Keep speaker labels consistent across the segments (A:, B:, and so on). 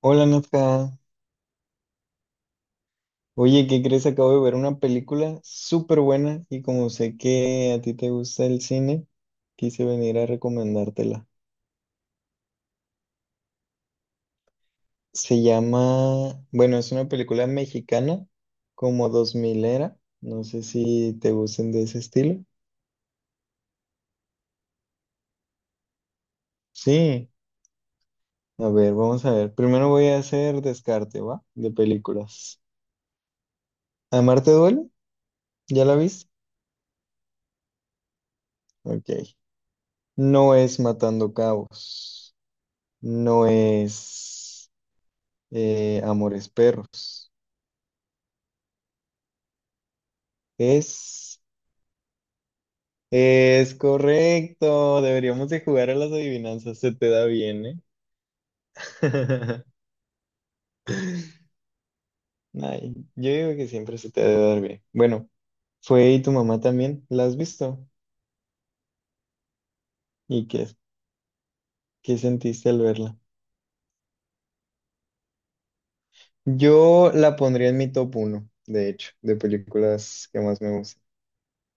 A: Hola Nazca, oye, ¿qué crees? Acabo de ver una película súper buena y como sé que a ti te gusta el cine, quise venir a recomendártela. Se llama, bueno, es una película mexicana, como 2000 era, no sé si te gusten de ese estilo. Sí, a ver, vamos a ver. Primero voy a hacer descarte, ¿va? De películas. ¿Amarte duele? ¿Ya la viste? Ok. No es Matando Cabos. No es. Amores Perros. Es, es correcto. Deberíamos de jugar a las adivinanzas. Se te da bien, ¿eh? Ay, yo digo que siempre se te debe dar bien. Bueno, fue y tu mamá también. ¿La has visto? ¿Y qué sentiste al verla? Yo la pondría en mi top uno de hecho, de películas que más me gustan.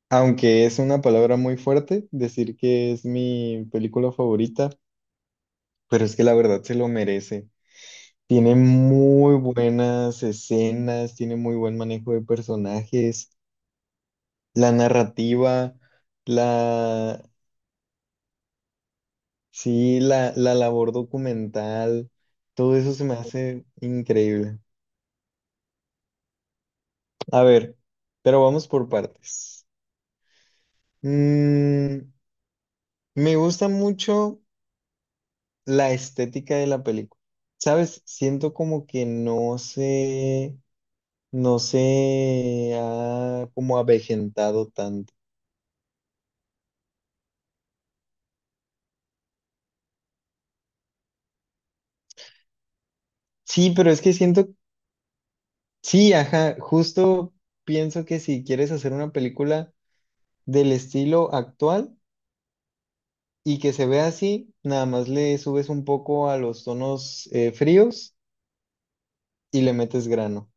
A: Aunque es una palabra muy fuerte decir que es mi película favorita, pero es que la verdad se lo merece. Tiene muy buenas escenas, tiene muy buen manejo de personajes, la narrativa, la, sí, la labor documental, todo eso se me hace increíble. A ver, pero vamos por partes. Mm, me gusta mucho la estética de la película. ¿Sabes? Siento como que no se ha como avejentado tanto. Sí, pero es que siento. Sí, ajá, justo pienso que si quieres hacer una película del estilo actual y que se vea así, nada más le subes un poco a los tonos fríos y le metes grano,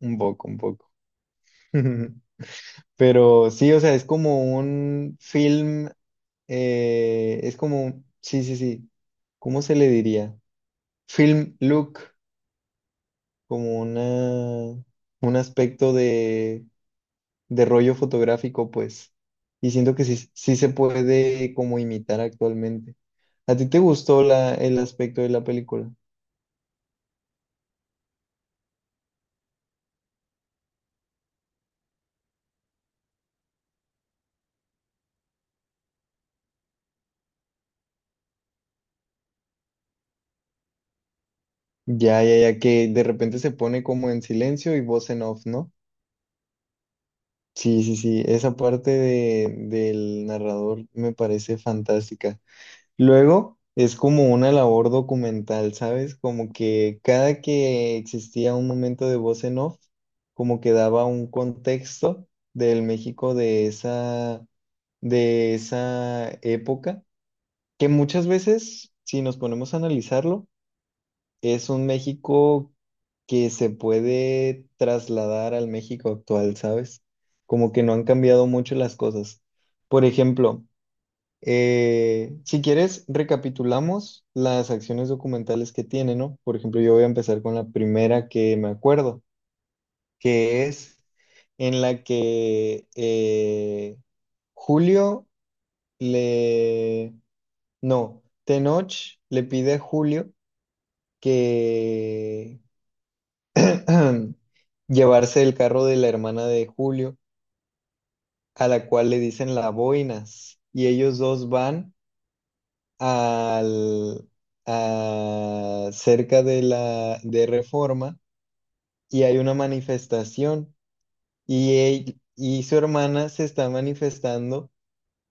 A: un poco, un poco. Pero sí, o sea, es como un film, es como, sí, sí, sí, ¿cómo se le diría? Film look, como una, un aspecto de rollo fotográfico, pues. Y siento que sí, sí se puede como imitar actualmente. ¿A ti te gustó el aspecto de la película? Ya, ya, ya, que de repente se pone como en silencio y voz en off, ¿no? Sí, sí, sí, esa del narrador me parece fantástica. Luego es como una labor documental, ¿sabes? Como que cada que existía un momento de voz en off, como que daba un contexto del México de esa época, que muchas veces, si nos ponemos a analizarlo, es un México que se puede trasladar al México actual, ¿sabes? Como que no han cambiado mucho las cosas. Por ejemplo, si quieres, recapitulamos las acciones documentales que tiene, ¿no? Por ejemplo, yo voy a empezar con la primera que me acuerdo, que es en la que Julio le No, Tenoch le pide a Julio que llevarse el carro de la hermana de Julio, a la cual le dicen la boinas, y ellos dos van al cerca de la de Reforma y hay una manifestación y él y su hermana se está manifestando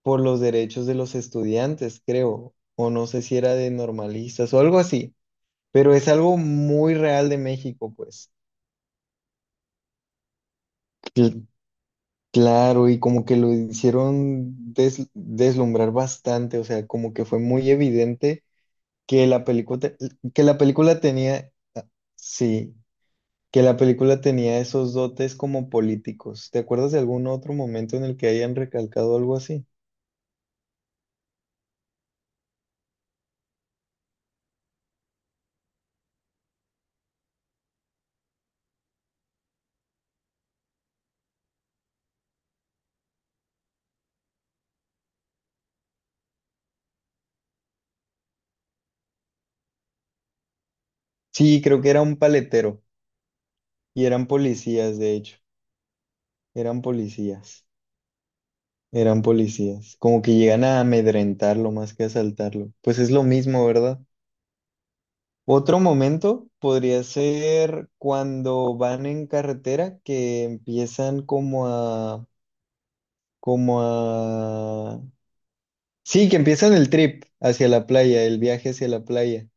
A: por los derechos de los estudiantes, creo, o no sé si era de normalistas o algo así. Pero es algo muy real de México, pues. Cl- claro, y como que lo hicieron deslumbrar bastante, o sea, como que fue muy evidente que la película, que la película tenía, sí, que la película tenía esos dotes como políticos. ¿Te acuerdas de algún otro momento en el que hayan recalcado algo así? Sí, creo que era un paletero, y eran policías, de hecho, eran policías. Eran policías, como que llegan a amedrentarlo más que a asaltarlo. Pues es lo mismo, ¿verdad? Otro momento podría ser cuando van en carretera que empiezan como a, sí, que empiezan el trip hacia la playa, el viaje hacia la playa,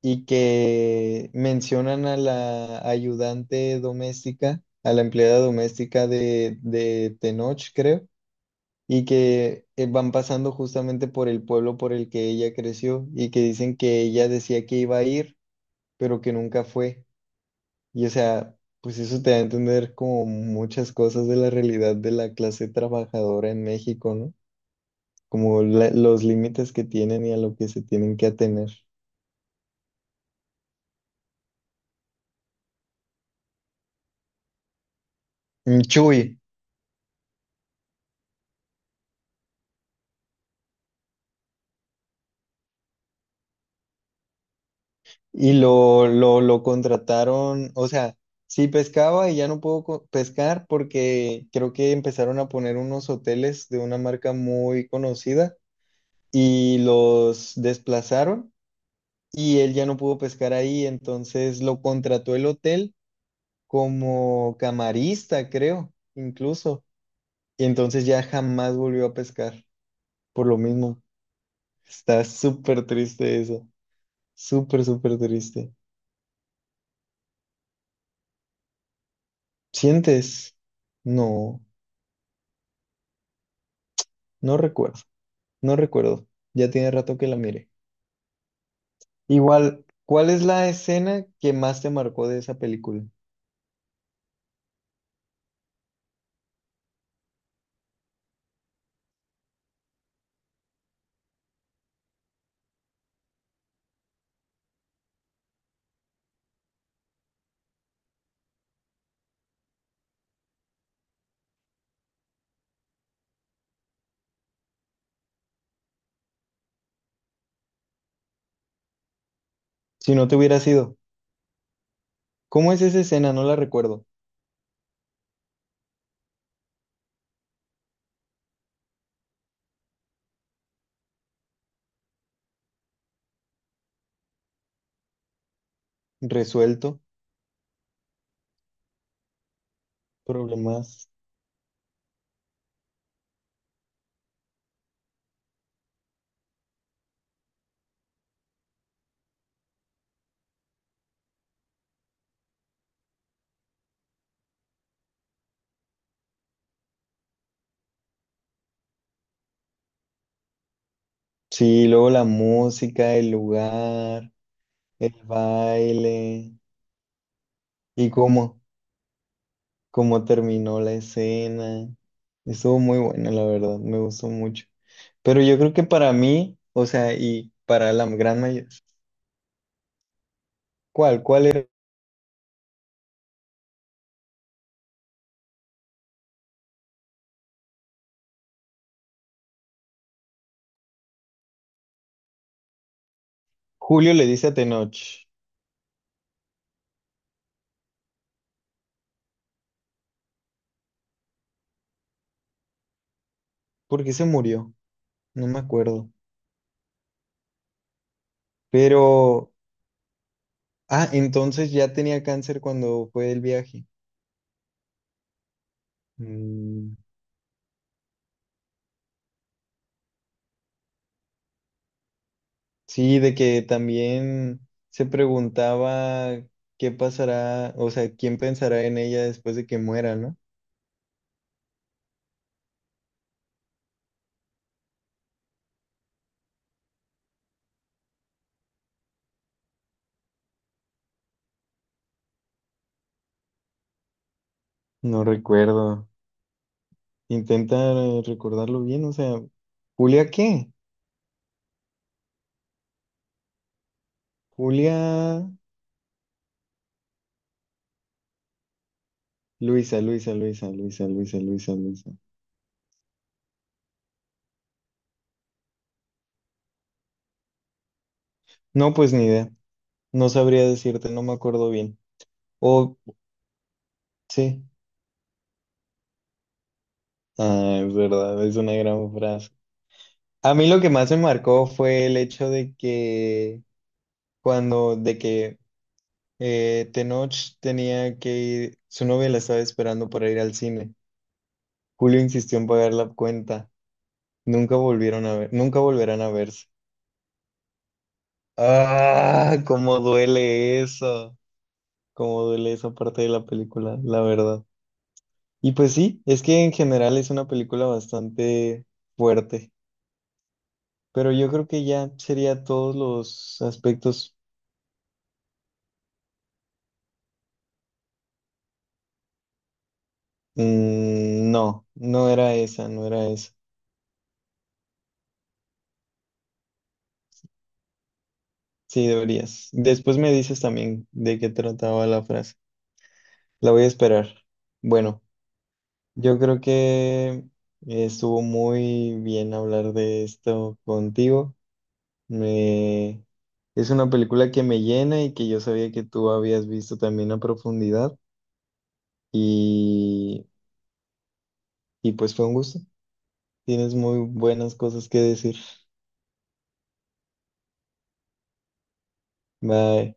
A: y que mencionan a la ayudante doméstica, a la empleada doméstica de Tenoch, creo, y que van pasando justamente por el pueblo por el que ella creció, y que dicen que ella decía que iba a ir, pero que nunca fue. Y o sea, pues eso te da a entender como muchas cosas de la realidad de la clase trabajadora en México, ¿no? Como los límites que tienen y a lo que se tienen que atener. Mm, Chuy, y lo contrataron, o sea, sí pescaba y ya no puedo pescar porque creo que empezaron a poner unos hoteles de una marca muy conocida y los desplazaron y él ya no pudo pescar ahí, entonces lo contrató el hotel como camarista, creo, incluso. Y entonces ya jamás volvió a pescar, por lo mismo. Está súper triste eso, súper, súper triste. ¿Sientes? No, no recuerdo, no recuerdo. Ya tiene rato que la miré. Igual, ¿cuál es la escena que más te marcó de esa película? Si no te hubiera sido, ¿cómo es esa escena? No la recuerdo. Resuelto, problemas. Sí, luego la música, el lugar, el baile. Y cómo, cómo terminó la escena. Estuvo muy buena, la verdad, me gustó mucho. Pero yo creo que para mí, o sea, y para la gran mayoría. ¿Cuál? ¿Cuál era? Julio le dice a Tenoch, ¿por qué se murió? No me acuerdo. Pero, ah, entonces ya tenía cáncer cuando fue el viaje. Mm, sí, de que también se preguntaba qué pasará, o sea, quién pensará en ella después de que muera, ¿no? No recuerdo. Intenta recordarlo bien, o sea, ¿Julia qué? Julia, Luisa, Luisa, Luisa, Luisa, Luisa, Luisa, Luisa. No, pues ni idea. No sabría decirte, no me acuerdo bien. O sí. Ah, es verdad, es una gran frase. A mí lo que más me marcó fue el hecho de que cuando, de que Tenoch tenía que ir, su novia la estaba esperando para ir al cine. Julio insistió en pagar la cuenta. Nunca volvieron a ver, nunca volverán a verse. Ah, cómo duele eso, cómo duele esa parte de la película, la verdad. Y pues sí, es que en general es una película bastante fuerte, pero yo creo que ya sería todos los aspectos. Mm, no, no era esa, no era esa. Sí, deberías. Después me dices también de qué trataba la frase. La voy a esperar. Bueno, yo creo que estuvo muy bien hablar de esto contigo. Me... Es una película que me llena y que yo sabía que tú habías visto también a profundidad y, y pues fue un gusto. Tienes muy buenas cosas que decir. Bye.